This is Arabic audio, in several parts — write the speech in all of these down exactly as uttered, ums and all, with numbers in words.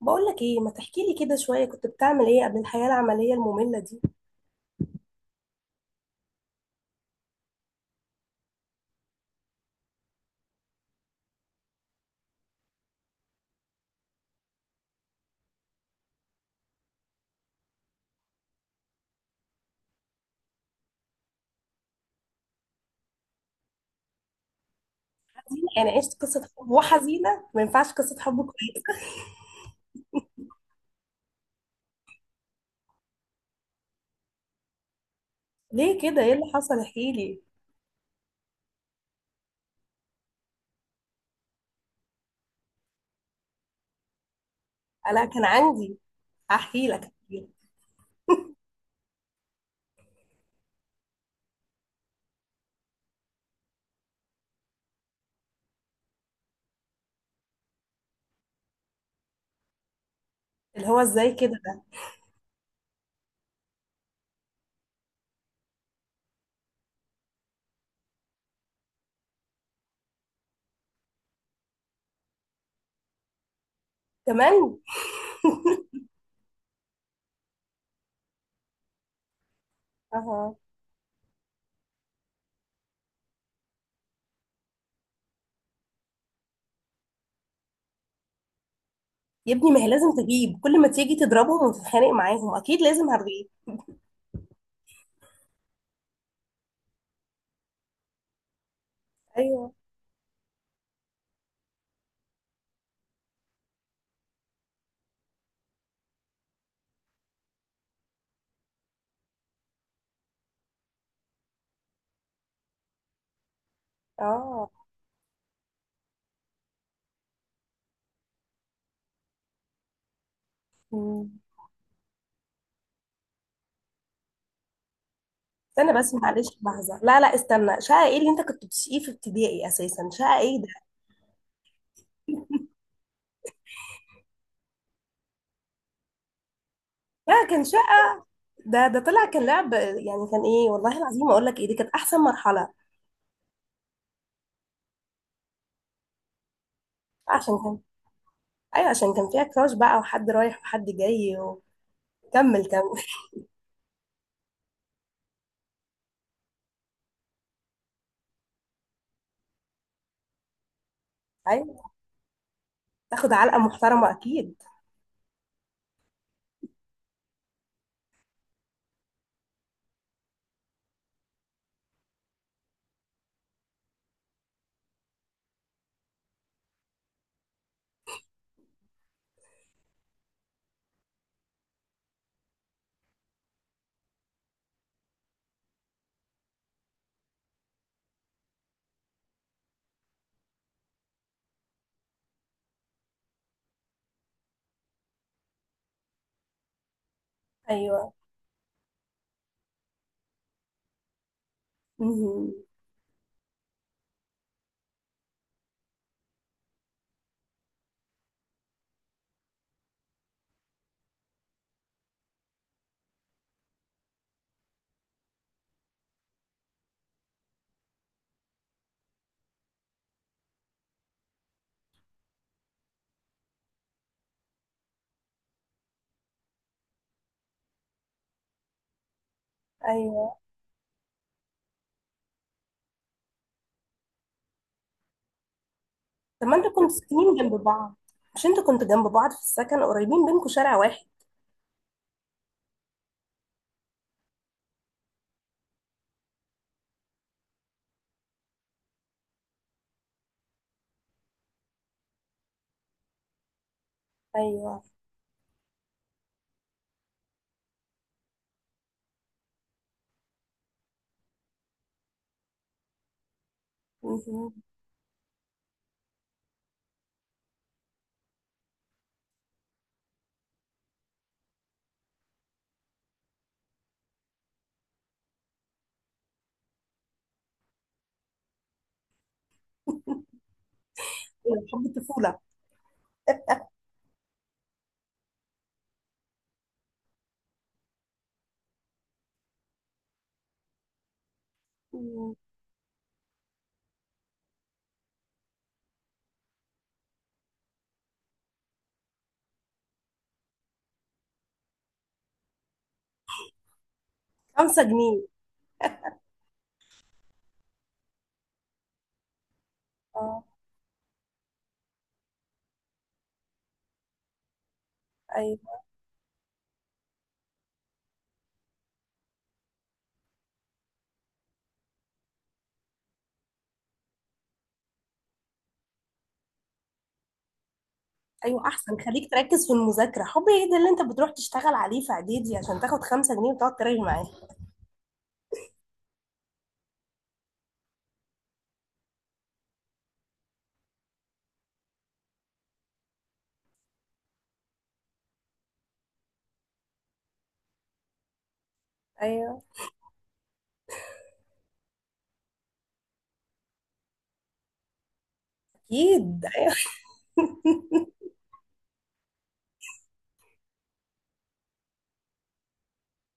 بقول لك ايه، ما تحكي لي كده شويه؟ كنت بتعمل ايه قبل الحياه العمليه الممله دي؟ حزينه يعني؟ عشت قصه حب وحزينه؟ ما ينفعش قصه حب كويسه؟ ليه كده؟ ايه اللي حصل؟ احكي لي. انا كان عندي. هحكي لك هحكي لك. اللي هو ازاي كده ده؟ كمان؟ اها. يا ابني ما هي لازم تغيب، كل ما تيجي تضربهم وتتخانق معاهم اكيد لازم هتغيب. ايوه. اه. مم. استنى بس، معلش لحظه، لا لا استنى، شقه ايه اللي انت كنت بتشقيه في ابتدائي اساسا؟ شقه ايه ده؟ لا كان ده ده طلع كان لعب يعني، كان ايه والله العظيم؟ اقول لك ايه، دي كانت احسن مرحله. عشان كان. ايوه عشان كان فيها كراش بقى، وحد رايح وحد جاي. وكمل كمل. ايوه. تاخد علقه محترمه اكيد. ايوه. مهم. ايوه. طب ما انتوا كنتوا ساكنين جنب بعض؟ مش انتوا كنتوا جنب بعض في السكن؟ قريبين بينكم شارع واحد. ايوه. مهم. أيوة، حب الطفوله. مم. خمسة جنيه؟ اه. ايوه. ايوه احسن، خليك تركز في المذاكره. حب ايه ده اللي انت بتروح تشتغل عليه في اعدادي عشان تاخد خمسة جنيه وتقعد تراجع معاه؟ ايوه. اكيد أيوة.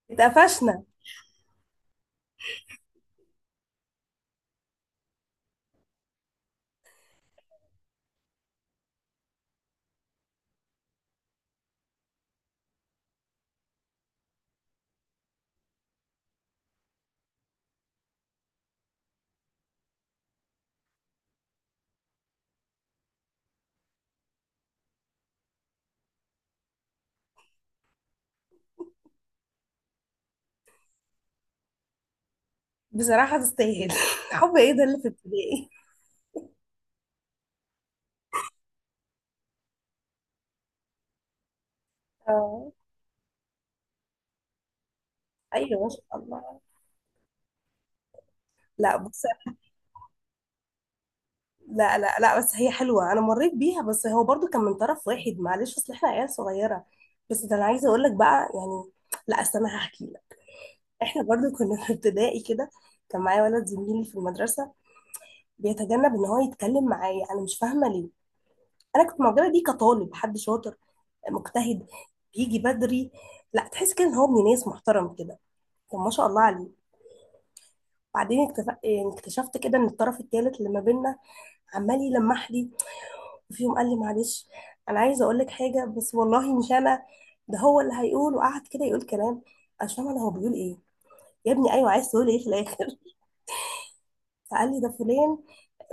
اتقفشنا. بصراحه تستاهل. حب ايه ده اللي في ابتدائي؟ اه. ايوه ما شاء الله. لا بص. لا لا لا، بس هي حلوه، انا مريت بيها، بس هو برضو كان من طرف واحد معلش، اصل احنا عيال صغيره. بس ده انا عايزه اقول لك بقى يعني. لا اصل انا هحكي لك. احنا برضو كنا في ابتدائي كده، كان معايا ولد زميلي في المدرسه، بيتجنب ان هو يتكلم معايا، انا مش فاهمه ليه. انا كنت معجبه بيه كطالب، حد شاطر، مجتهد، بيجي بدري، لا تحس كده ان هو ابن ناس محترم كده. طب ما شاء الله عليه. بعدين اكتف... يعني اكتشفت كده ان الطرف التالت اللي ما بينا عمال يلمح لي. وفي يوم قال لي: معلش انا عايز اقول لك حاجه، بس والله مش انا، ده هو اللي هيقول. وقعد كده يقول كلام، انا مش فاهمه انا هو بيقول ايه. يا ابني ايوه عايز تقول ايه في الاخر؟ فقال لي: ده فلان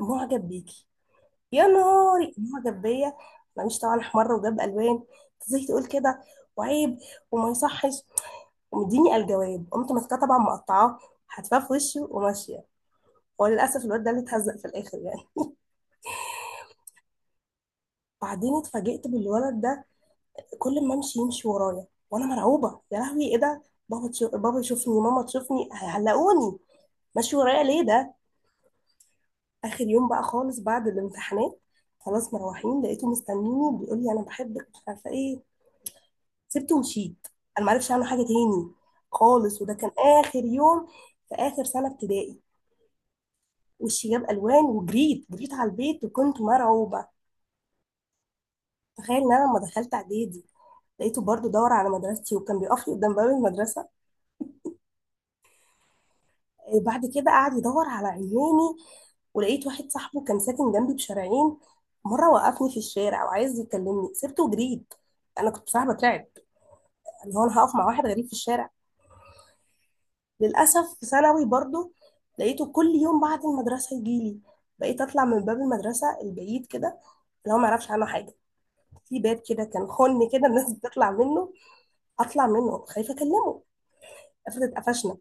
معجب بيكي. يا نهاري، معجب بيا؟ انا مش طبعا، احمر وجاب الوان، أنت ازاي تقول كده؟ وعيب، وما يصحش. ومديني الجواب، قمت ماسكاه طبعا مقطعاه، حتفاه في وشه وماشيه. هو للاسف الواد ده اللي اتهزق في الاخر يعني. بعدين اتفاجئت بالولد ده، كل ما امشي يمشي ورايا، وانا مرعوبه: يا لهوي ايه ده؟ بابا تشوف، بابا يشوفني، ماما تشوفني، هيعلقوني. ماشي ورايا ليه ده؟ اخر يوم بقى خالص بعد الامتحانات، خلاص مروحين، لقيته مستنيني بيقول لي انا بحبك مش عارفه ايه. سبته ومشيت. انا ما عرفش عنه حاجه تاني خالص، وده كان اخر يوم في اخر سنه ابتدائي. وشي جاب الوان وجريت جريت على البيت وكنت مرعوبه. تخيل ان انا لما دخلت اعدادي، لقيته برضو دور على مدرستي وكان بيقف لي قدام باب المدرسة. إيه بعد كده؟ قعد يدور على عيناني. ولقيت واحد صاحبه كان ساكن جنبي بشارعين، مرة وقفني في الشارع وعايز يكلمني، سبته وجريت. أنا كنت بصراحة بترعب، اللي هو أنا هقف مع واحد غريب في الشارع؟ للأسف في ثانوي برضو لقيته كل يوم بعد المدرسة يجيلي، بقيت أطلع من باب المدرسة البعيد كده، اللي هو ما يعرفش عنه حاجة. في باب كده كان خن كده الناس بتطلع منه، أطلع منه خايفة أكلمه. افرض اتقفشنا؟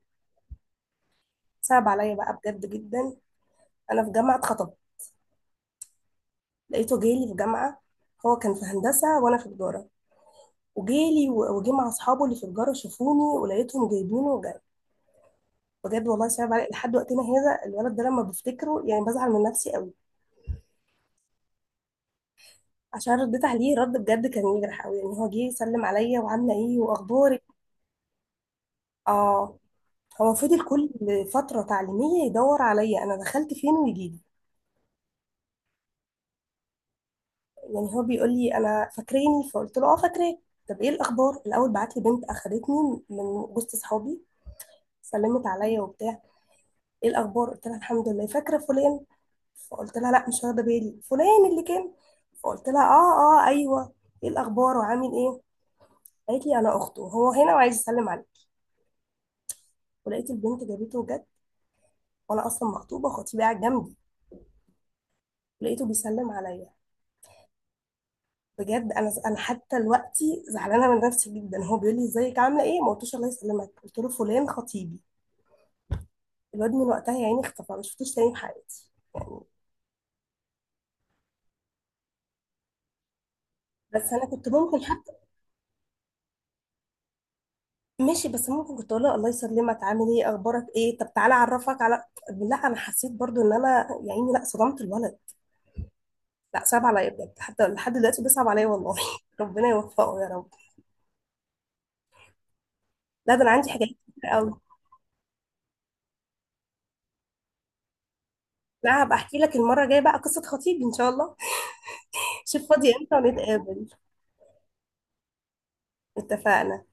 صعب عليا بقى بجد جدا. انا في جامعه خطب، لقيته جالي في جامعه. هو كان في هندسه وانا في تجاره، وجالي و- وجه مع اصحابه اللي في تجاره، شافوني ولقيتهم جايبينه وجاي. بجد والله صعب علي لحد وقتنا هذا، الولد ده لما بفتكره يعني بزعل من نفسي قوي. عشان رديت عليه رد بجد كان يجرح قوي يعني. هو جه يسلم عليا: وعامله ايه، واخبارك؟ اه. هو فضل كل فتره تعليميه يدور عليا، انا دخلت فين ويجي لي. يعني هو بيقول لي انا فاكريني؟ فقلت له اه فاكراك. طب ايه الاخبار؟ الاول بعت لي بنت اخدتني من وسط اصحابي، سلمت عليا وبتاع: ايه الاخبار؟ قلت لها الحمد لله. فاكره فلان؟ فقلت لها لا مش واخده بالي. فلان اللي كان. فقلت لها اه، اه ايوه. ايه الاخبار وعامل ايه؟ قالت لي انا اخته، هو هنا وعايز يسلم عليا. ولقيت البنت جابته جد، وانا اصلا مخطوبه وخطيبي قاعد جنبي، لقيته بيسلم عليا. بجد انا انا حتى دلوقتي زعلانه من نفسي جدا. هو بيقول لي ازيك عامله ايه ما قلتوش الله يسلمك، قلت له: فلان خطيبي. الواد من وقتها يا عيني اختفى، ما شفتوش تاني في حياتي. بس انا كنت ممكن، ماشي، بس ممكن كنت اقول لها: الله يسلمك، عامل ايه، اخبارك ايه، طب تعالى اعرفك على. لا انا حسيت برضو ان انا يا عيني لا صدمت الولد. لا صعب عليا بجد، حتى لحد دلوقتي بيصعب عليا والله. ربنا يوفقه يا رب. لا ده انا عندي حاجات كتير قوي. لا هبقى احكي لك المره الجايه بقى قصه خطيبي ان شاء الله. شوف فاضيه امتى ونتقابل. اتفقنا.